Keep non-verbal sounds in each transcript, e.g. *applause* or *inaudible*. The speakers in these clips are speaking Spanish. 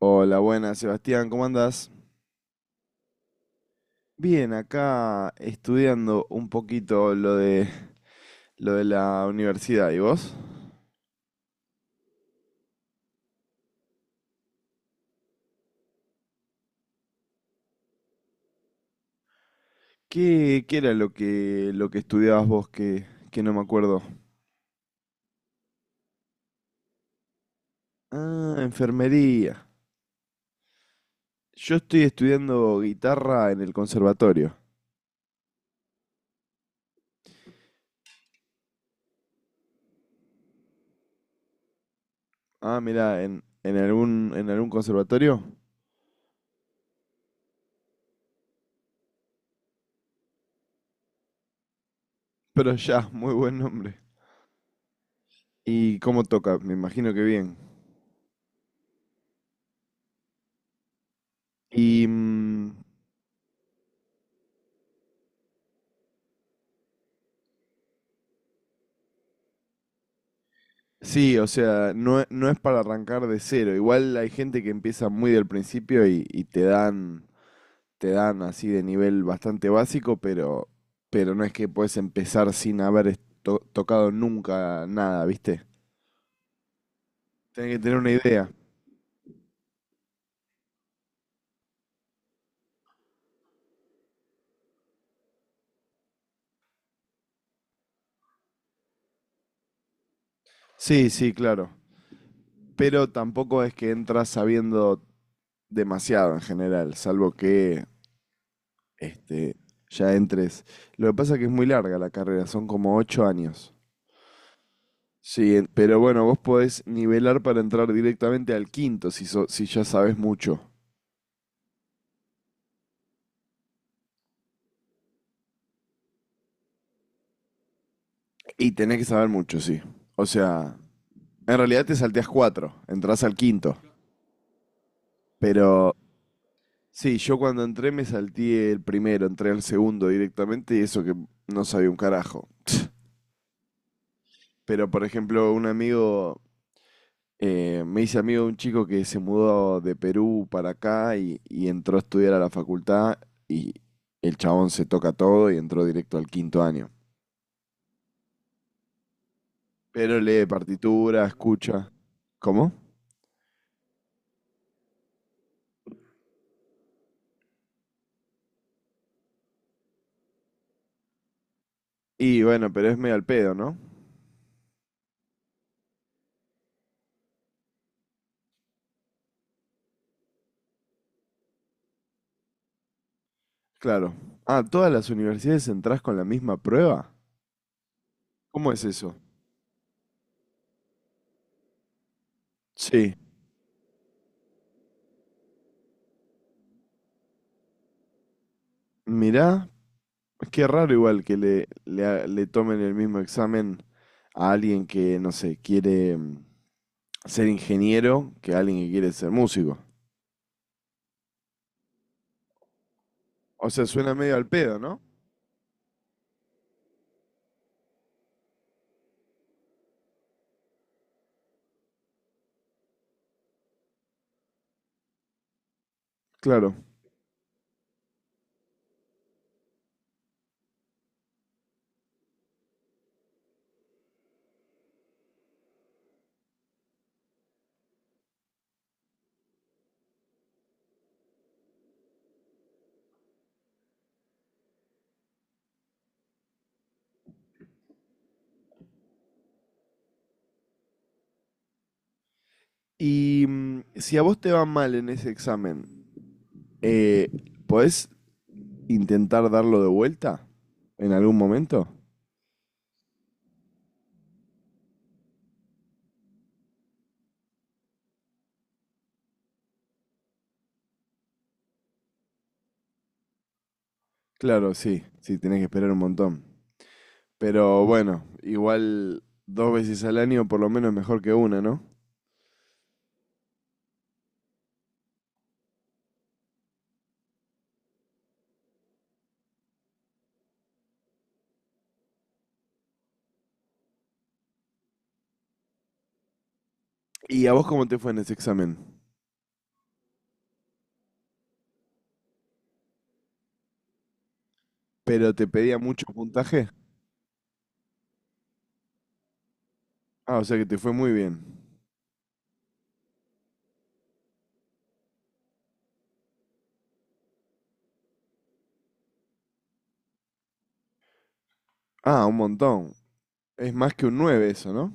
Hola, buenas, Sebastián, ¿cómo andás? Bien, acá estudiando un poquito lo de la universidad, ¿y vos? ¿Qué era lo que estudiabas vos que no me acuerdo? Ah, enfermería. Yo estoy estudiando guitarra en el conservatorio. Ah, mira, en algún conservatorio. Pero ya, muy buen nombre. ¿Y cómo toca? Me imagino que bien. ¿Y? Sí, o sea, no, no es para arrancar de cero. Igual hay gente que empieza muy del principio y te dan así de nivel bastante básico, pero no es que puedes empezar sin haber tocado nunca nada, ¿viste? Tienes que tener una idea. Sí, sí, claro. Pero tampoco es que entras sabiendo demasiado en general, salvo que este, ya entres. Lo que pasa es que es muy larga la carrera, son como 8 años. Sí, pero bueno, vos podés nivelar para entrar directamente al quinto si ya sabes mucho. Y tenés que saber mucho, sí. O sea, en realidad te salteás cuatro, entrás al quinto. Pero sí, yo cuando entré me salté el primero, entré al segundo directamente y eso que no sabía un carajo. *laughs* *tsk* Pero por ejemplo, un amigo, me hice amigo de un chico que se mudó de Perú para acá y entró a estudiar a la facultad y el chabón se toca todo y entró directo al quinto año. Pero lee partitura, escucha. ¿Cómo? Y bueno, pero es medio al pedo, ¿no? Claro. Ah, ¿todas las universidades entras con la misma prueba? ¿Cómo es eso? Sí. Mirá, qué raro igual que le tomen el mismo examen a alguien que, no sé, quiere ser ingeniero que a alguien que quiere ser músico. O sea, suena medio al pedo, ¿no? Claro. Y si a vos te va mal en ese examen, eh, ¿podés intentar darlo de vuelta en algún momento? Claro, sí, sí, tenés que esperar un montón. Pero bueno, igual dos veces al año por lo menos es mejor que una, ¿no? ¿Y a vos cómo te fue en ese examen? ¿Pero te pedía mucho puntaje? Ah, o sea que te fue muy bien. Ah, un montón. Es más que un 9 eso, ¿no?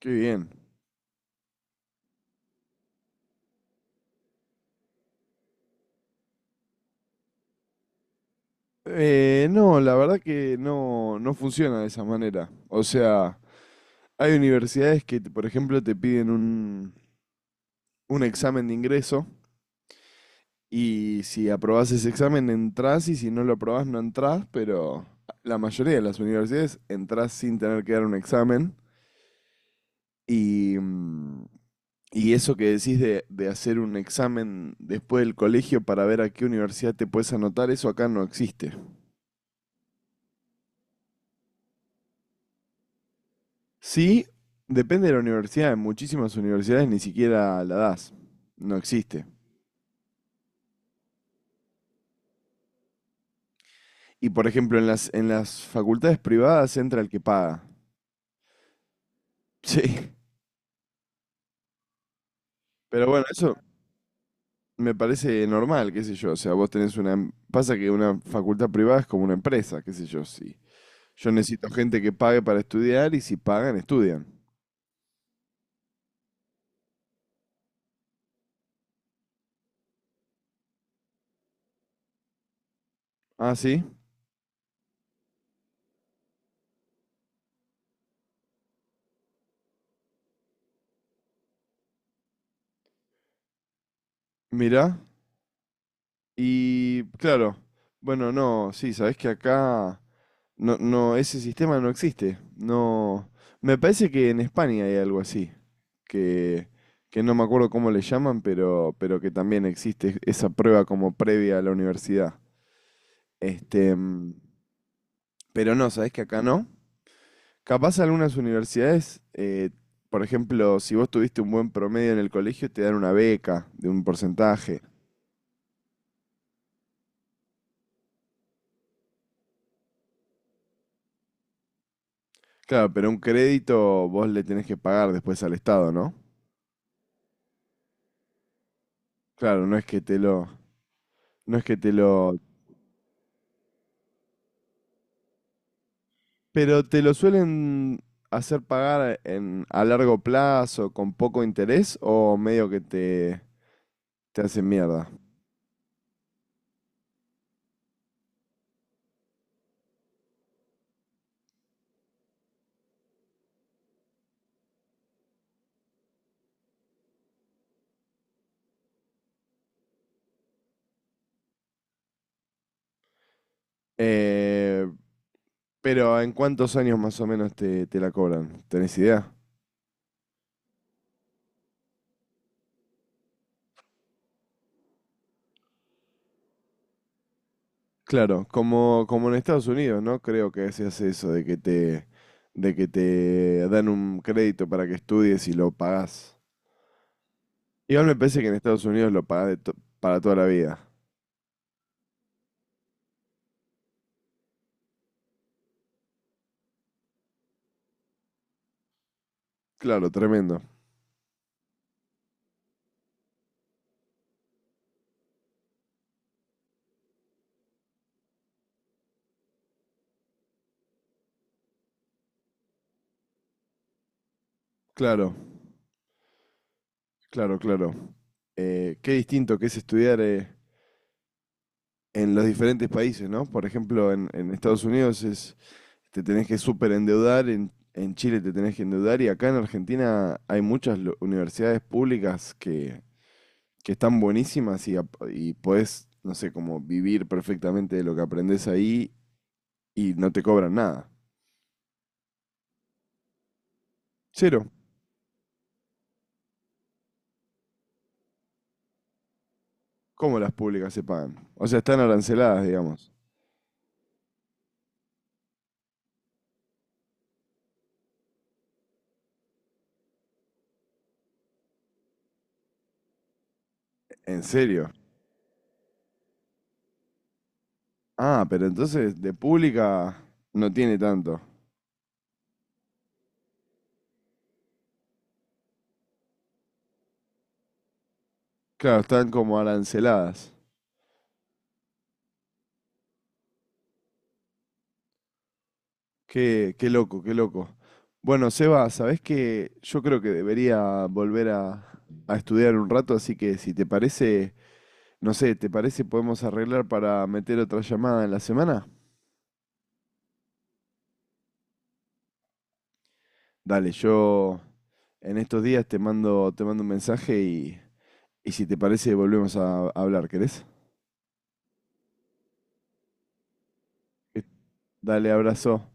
Qué bien. No, la verdad que no, no funciona de esa manera. O sea, hay universidades que, por ejemplo, te piden un examen de ingreso. Y si aprobás ese examen, entrás y si no lo aprobás, no entrás, pero la mayoría de las universidades entrás sin tener que dar un examen. Y, mm, y eso que decís de hacer un examen después del colegio para ver a qué universidad te puedes anotar, eso acá no existe. Sí, depende de la universidad. En muchísimas universidades ni siquiera la das. No existe. Y por ejemplo, en las facultades privadas entra el que paga. *laughs* Sí. Pero bueno, eso, me parece normal, qué sé yo. O sea, vos tenés una. Pasa que una facultad privada es como una empresa, qué sé yo. Sí. Yo necesito gente que pague para estudiar y si pagan, estudian. Ah, sí. Mirá. Y claro. Bueno, no, sí, sabés que acá no, no, ese sistema no existe. No. Me parece que en España hay algo así. Que, que no me acuerdo cómo le llaman, pero que también existe esa prueba como previa a la universidad. Este, mm, pero no, ¿sabés que acá no? Capaz algunas universidades, por ejemplo, si vos tuviste un buen promedio en el colegio, te dan una beca de un porcentaje. Claro, pero un crédito vos le tenés que pagar después al Estado, ¿no? Claro, no es que te lo, no es que te lo, pero te lo suelen hacer pagar a largo plazo con poco interés o medio que te hacen mierda. Eh, pero ¿en cuántos años más o menos te la cobran? ¿Tenés idea? Claro, como en Estados Unidos, ¿no? Creo que se hace eso de que te dan un crédito para que estudies y lo pagás. Igual me parece que en Estados Unidos lo pagás para toda la vida. Claro, tremendo. Claro, claro, claro. Qué distinto que es estudiar en los diferentes países, ¿no? Por ejemplo, en Estados Unidos te tenés que súper endeudar, en Chile te tenés que endeudar y acá en Argentina hay muchas universidades públicas que están buenísimas y, y podés, no sé, como vivir perfectamente de lo que aprendés ahí y no te cobran nada. Cero. ¿Cómo las públicas se pagan? O sea, están aranceladas, digamos. ¿En serio? Ah, pero entonces de pública no tiene tanto. Claro, están como aranceladas. Qué loco, qué loco. Bueno, Seba, ¿sabés qué? Yo creo que debería volver a estudiar un rato, así que si te parece, no sé, ¿te parece podemos arreglar para meter otra llamada en la semana? Dale, yo en estos días te mando un mensaje y si te parece volvemos a hablar, ¿querés? Eh, Dale, abrazo.